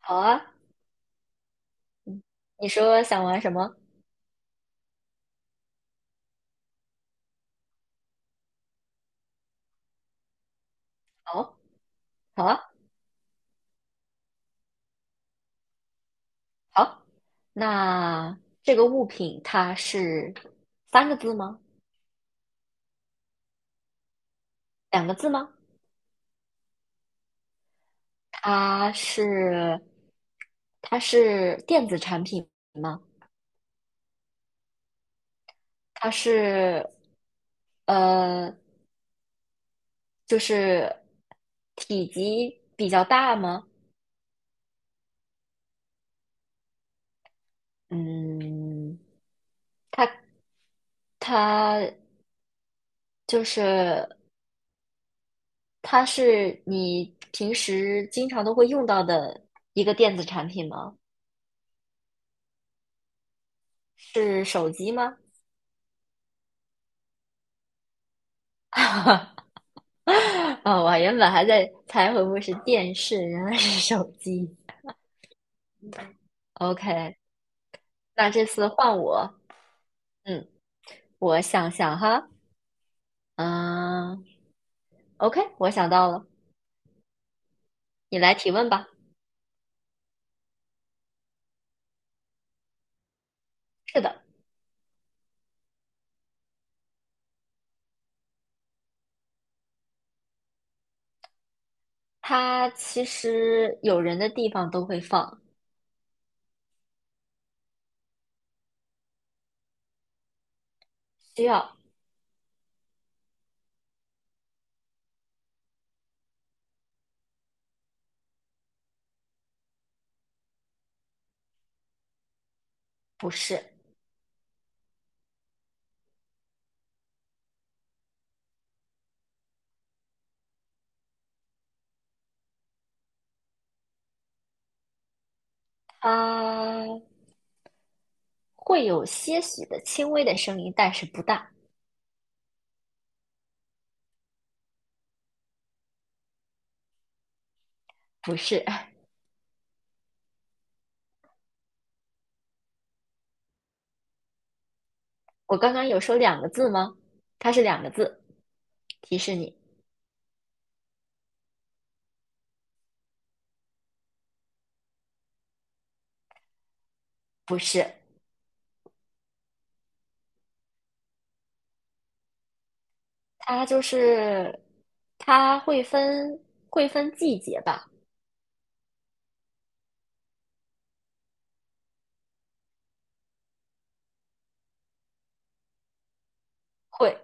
好啊，你说想玩什么？好，好啊，好。那这个物品它是三个字吗？两个字吗？它是它是电子产品吗？它是呃，就是体积比较大吗？嗯，它它就是它是你平时经常都会用到的一个电子产品吗？是手机吗？哦，我原本还在猜会不会是电视，原来是手机。OK,那这次换我，嗯，我想想哈，嗯，OK,我想到了，你来提问吧。是的，它其实有人的地方都会放，需要，不是，它会有些许的轻微的声音，但是不大，不是。我刚刚有说两个字吗？它是两个字，提示你，不是。它就是它会分季节吧，会，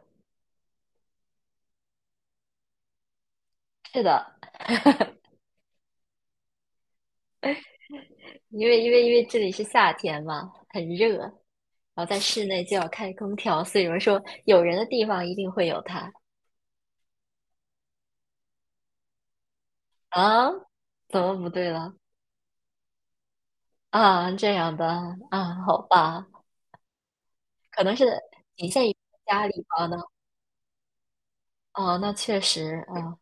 是的，因为这里是夏天嘛，很热，然后在室内就要开空调，所以有人说有人的地方一定会有它啊，怎么不对了啊？这样的啊，好吧，可能是仅限于家里吧那啊，那确实啊，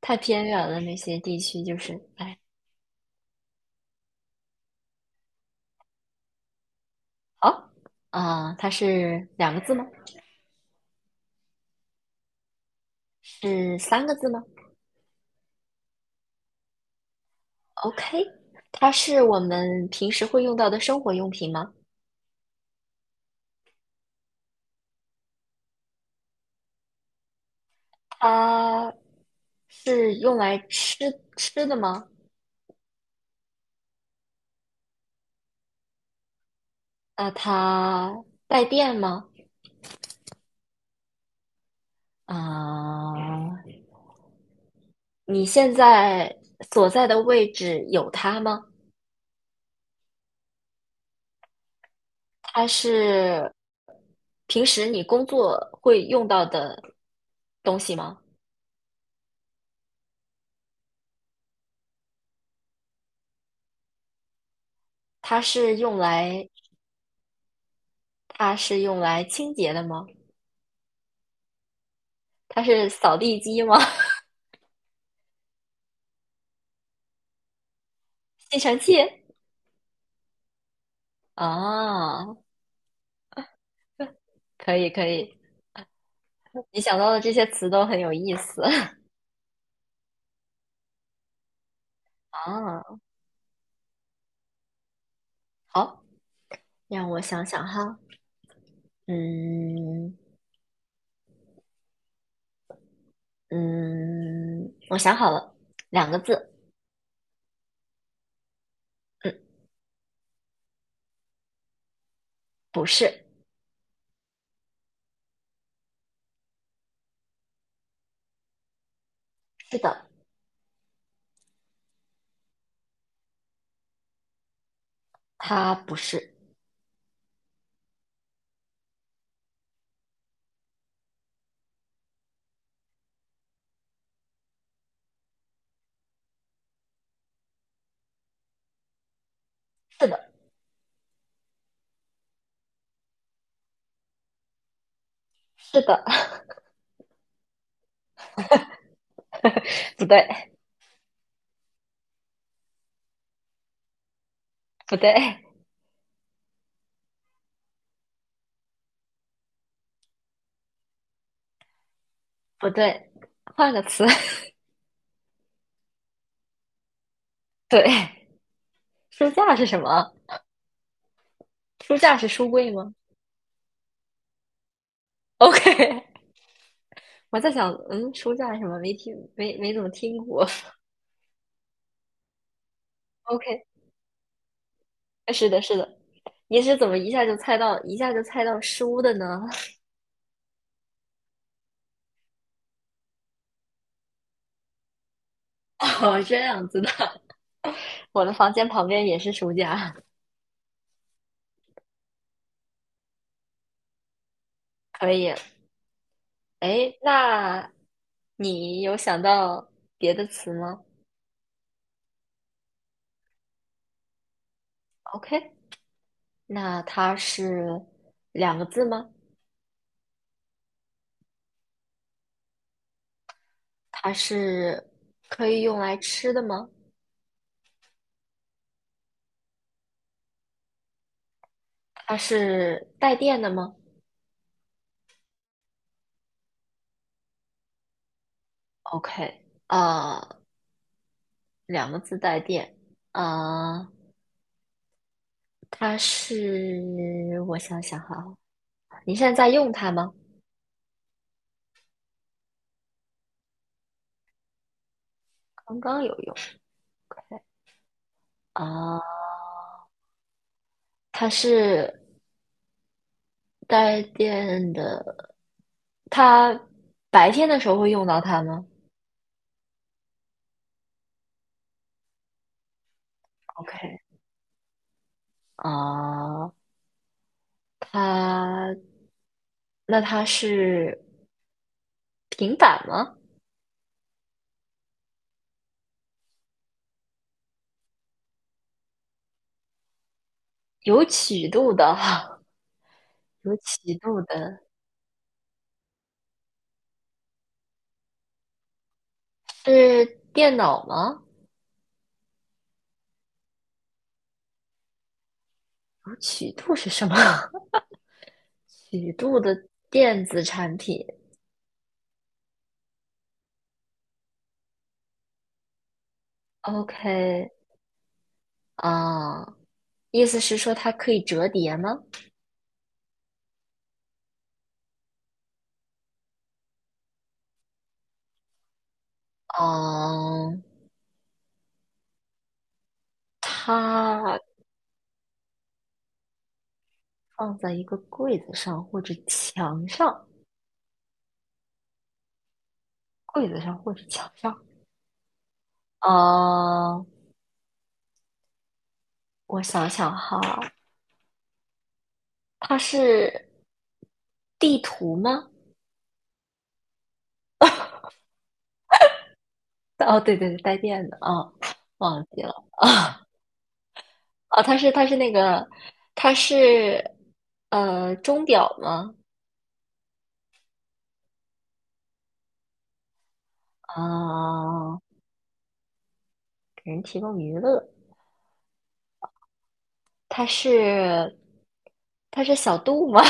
太偏远了那些地区就是，哎，好啊，它是两个字吗？是三个字吗？OK,它是我们平时会用到的生活用品吗？它是用来吃的吗？那它带电吗？啊、你现在所在的位置有它吗？它是平时你工作会用到的东西吗？它是用来它是用来清洁的吗？它是扫地机吗？吸尘器？啊，可以可以，你想到的这些词都很有意思 啊。好，让我想想哈，嗯嗯，我想好了，两个字，嗯，不是，是的，它不是，是的，是的，不对，不对，不对，换个词，对，书架是什么？书架是书柜吗？OK,我在想，嗯，书架是什么？没怎么听过。OK,是的，是的，你是怎么，一下就猜到书的呢？哦，这样子的，我的房间旁边也是书架，可以。哎，那你有想到别的词吗？OK,那它是两个字吗？它是可以用来吃的吗？它是带电的吗？OK,两个字带电。呃，它是我想想哈，你现在在用它吗？刚刚有用。啊、它是带电的，它白天的时候会用到它吗？OK,啊、它那它是平板吗？有曲度的，有曲度的是电脑吗？有曲度是什么？曲度的电子产品。OK,啊、意思是说它可以折叠吗？嗯，它放在一个柜子上或者墙上。柜子上或者墙上。呃，我想想哈，它是地图吗？哦，对对对，带电的啊，忘记了啊，它是钟表吗？啊，给人提供娱乐，它是它是小度吗？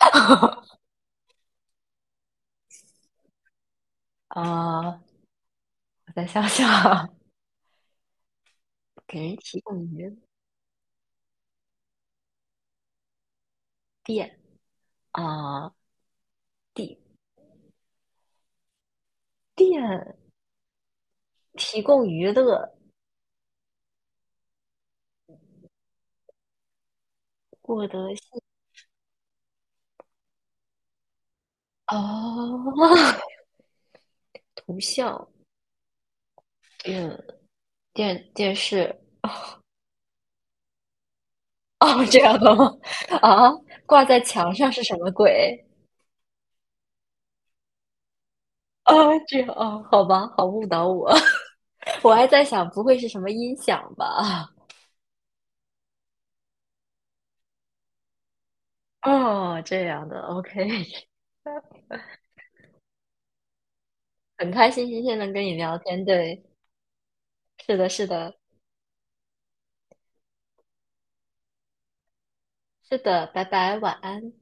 啊，我再想想啊，给人提供娱乐电啊，电电提供娱乐，获得哦，图像，嗯，电电视，哦，这样的吗？啊，挂在墙上是什么鬼？啊，这样哦，好吧，好误导我，我还在想，不会是什么音响吧？哦，这样的，OK,很开心今天能跟你聊天，对，是的，是的，是的，拜拜，晚安。